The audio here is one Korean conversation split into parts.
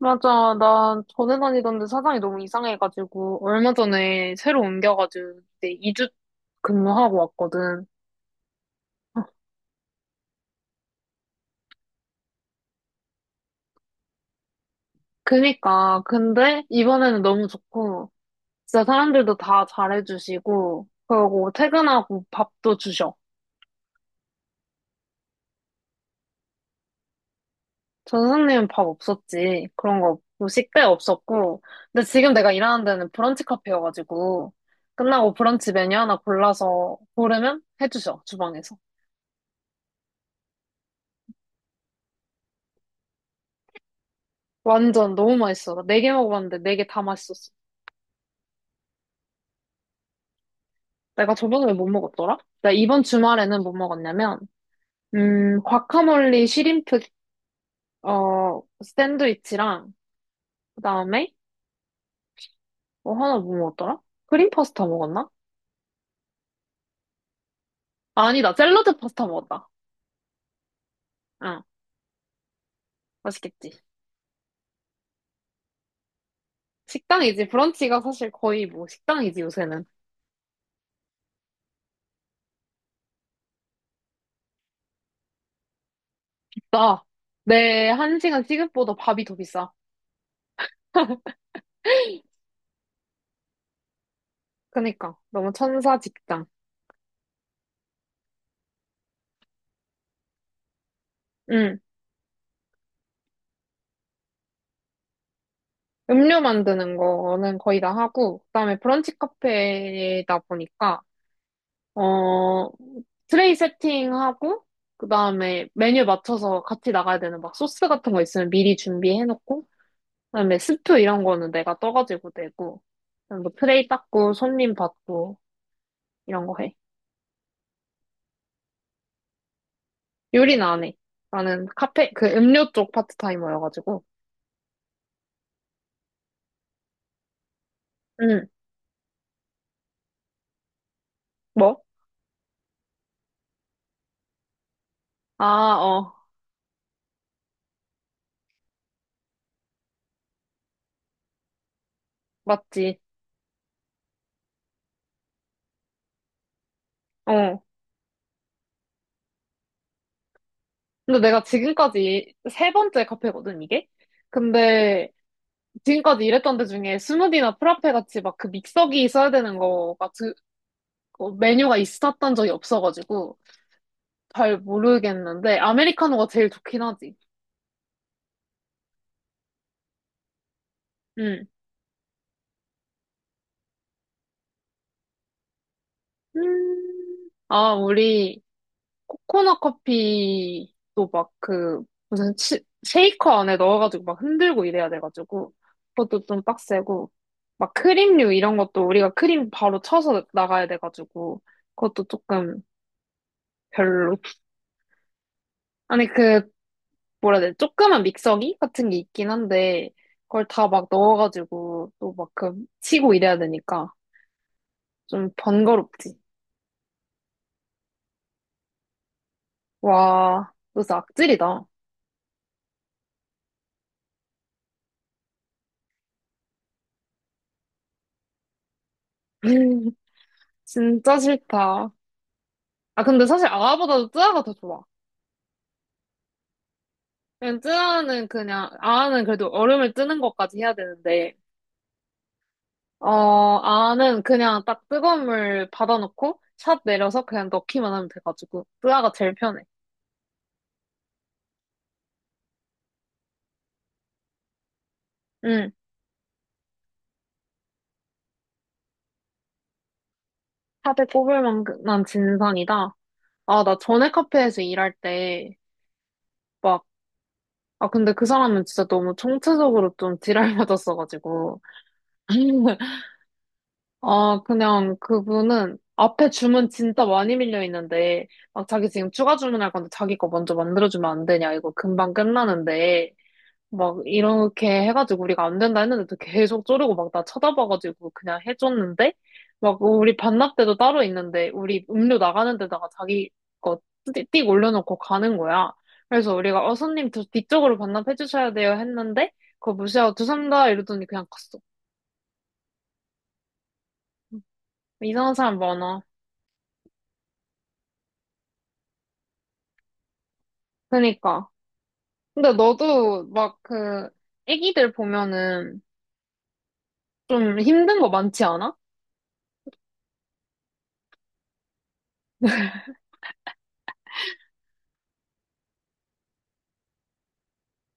맞아. 나 전에 다니던데 사장이 너무 이상해가지고, 얼마 전에 새로 옮겨가지고, 이제 2주 근무하고 왔거든. 그니까. 근데 이번에는 너무 좋고, 진짜 사람들도 다 잘해주시고, 그러고 퇴근하고 밥도 주셔. 전 선생님은 밥 없었지. 그런 거 없고, 식대 없었고. 근데 지금 내가 일하는 데는 브런치 카페여가지고, 끝나고 브런치 메뉴 하나 골라서 고르면 해주셔, 주방에서. 완전 너무 맛있어. 나 네 개 먹어봤는데 네 개 다 맛있었어. 내가 저번에 왜 못 먹었더라? 나 이번 주말에는 뭐 먹었냐면, 과카몰리 시림프, 어, 샌드위치랑, 그 다음에, 뭐 하나 뭐 먹었더라? 크림 파스타 먹었나? 아니다, 샐러드 파스타 먹었다. 응, 맛있겠지. 식당이지. 브런치가 사실 거의 뭐 식당이지, 요새는. 나, 내 한 시간 시급보다 밥이 더 비싸. 그니까 너무 천사 직장. 응. 음료 만드는 거는 거의 다 하고 그다음에 브런치 카페다 보니까 어, 트레이 세팅하고, 그 다음에 메뉴 맞춰서 같이 나가야 되는 막 소스 같은 거 있으면 미리 준비해놓고, 그다음에 스프 이런 거는 내가 떠가지고 내고, 그다음에 뭐 트레이 닦고, 손님 받고, 이런 거 해. 요리는 안 해. 나는 카페, 그 음료 쪽 파트타이머여가지고. 응, 뭐? 아, 맞지. 어. 근데 내가 지금까지 세 번째 카페거든, 이게? 근데 지금까지 일했던 데 중에 스무디나 프라페 같이 막 그 믹서기 써야 되는 거가 메뉴가 있었던 적이 없어가지고 잘 모르겠는데 아메리카노가 제일 좋긴 하지. 응. 음. 아, 우리 코코넛 커피도 막 그 무슨 쉐이커 안에 넣어가지고 막 흔들고 이래야 돼가지고 그것도 좀 빡세고 막 크림류 이런 것도 우리가 크림 바로 쳐서 나가야 돼가지고 그것도 조금 별로. 아니, 그, 뭐라 해야 돼? 조그만 믹서기 같은 게 있긴 한데, 그걸 다 막 넣어가지고, 또 막 그, 치고 이래야 되니까, 좀 번거롭지. 와, 너 진짜 악질이다. 진짜 싫다. 아, 근데 사실 아아보다도 뜨아가 더 좋아. 그냥 뜨아는 그냥, 아아는 그래도 얼음을 뜨는 것까지 해야 되는데, 어, 아아는 그냥 딱 뜨거운 물 받아놓고, 샷 내려서 그냥 넣기만 하면 돼가지고, 뜨아가 제일 편해. 응. 샷에 꼽을 만한 진상이다. 아, 나 전에 카페에서 일할 때, 막, 아, 근데 그 사람은 진짜 너무 총체적으로 좀 지랄맞았어가지고. 아, 그냥 그분은 앞에 주문 진짜 많이 밀려 있는데, 막 자기 지금 추가 주문할 건데 자기 거 먼저 만들어주면 안 되냐. 이거 금방 끝나는데. 막 이렇게 해가지고 우리가 안 된다 했는데도 계속 쪼르고 막 나 쳐다봐가지고 그냥 해줬는데 막 우리 반납대도 따로 있는데 우리 음료 나가는 데다가 자기 거 띡 올려놓고 가는 거야. 그래서 우리가 손님 저 뒤쪽으로 반납해 주셔야 돼요 했는데 그거 무시하고 죄송합니다 이러더니 그냥 갔어. 이상한 사람 많아. 그니까. 근데 너도 막 그 애기들 보면은 좀 힘든 거 많지 않아?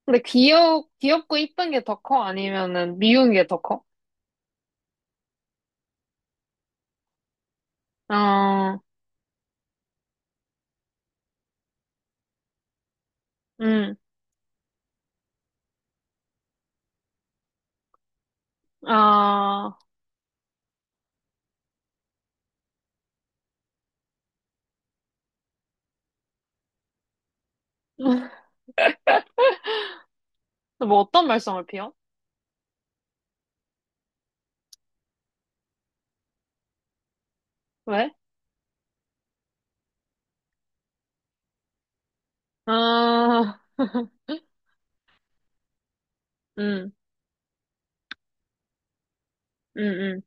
근데 귀엽고 이쁜 게 더 커? 아니면은 미운 게 더 커? 어, 음, 아, 뭐 어떤 말썽을 피워? 왜? 아, 음, 음,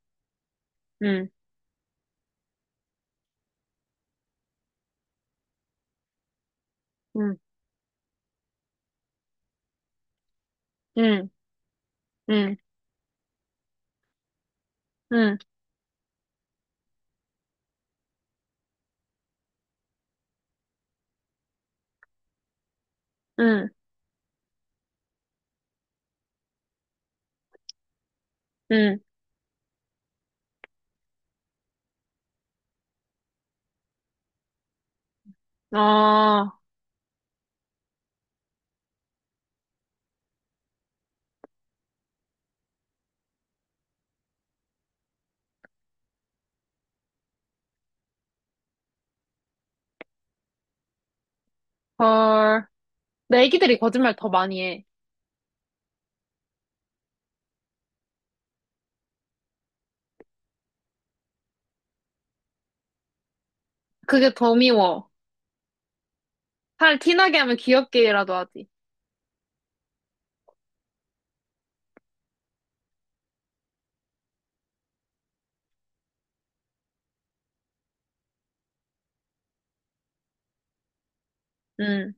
음, 음, 음, 음, 음, 음, 음, 음, 아, 헐. 내 애기들이 거짓말 더 많이 해. 그게 더 미워. 살 티나게 하면 귀엽게라도 하지. 음.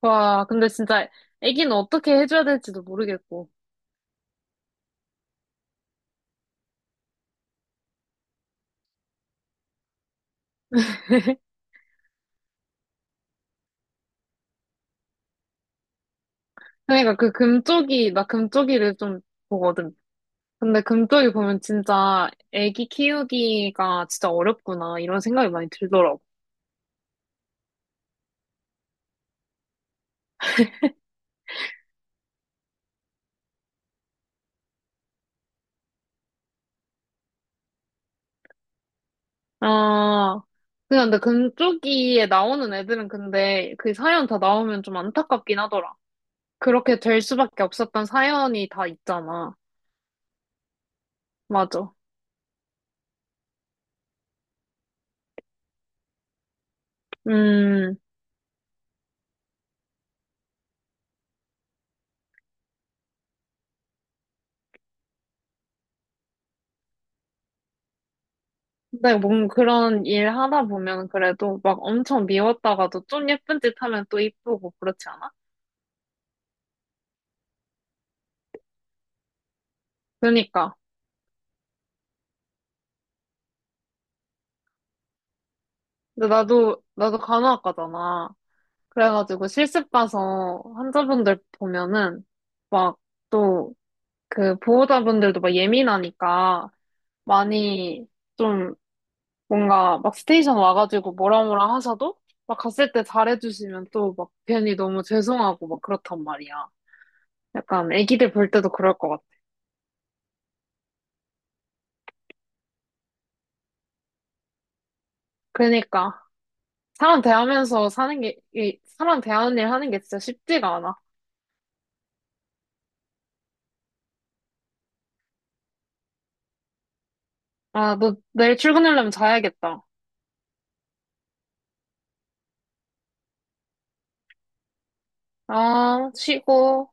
와, 근데 진짜 애기는 어떻게 해줘야 될지도 모르겠고. 그러니까 나 금쪽이를 좀 보거든. 근데 금쪽이 보면 진짜 애기 키우기가 진짜 어렵구나 이런 생각이 많이 들더라고. 아, 그냥 근데 금쪽이에 나오는 애들은 근데 그 사연 다 나오면 좀 안타깝긴 하더라. 그렇게 될 수밖에 없었던 사연이 다 있잖아. 맞아. 음. 근데 뭔 그런 일 하다 보면 그래도 막 엄청 미웠다가도 좀 예쁜 짓 하면 또 이쁘고 그렇지 않아? 그러니까. 근데 나도 간호학과잖아. 그래가지고 실습 가서 환자분들 보면은 막 또 그 보호자분들도 막 예민하니까 많이 좀 뭔가 막 스테이션 와가지고 뭐라 뭐라 하셔도 막 갔을 때 잘해주시면 또 막 괜히 너무 죄송하고 막 그렇단 말이야. 약간 애기들 볼 때도 그럴 것 같아. 그러니까 사람 대하면서 사는 게, 이 사람 대하는 일 하는 게 진짜 쉽지가 않아. 아, 너 내일 출근하려면 자야겠다. 아, 쉬고.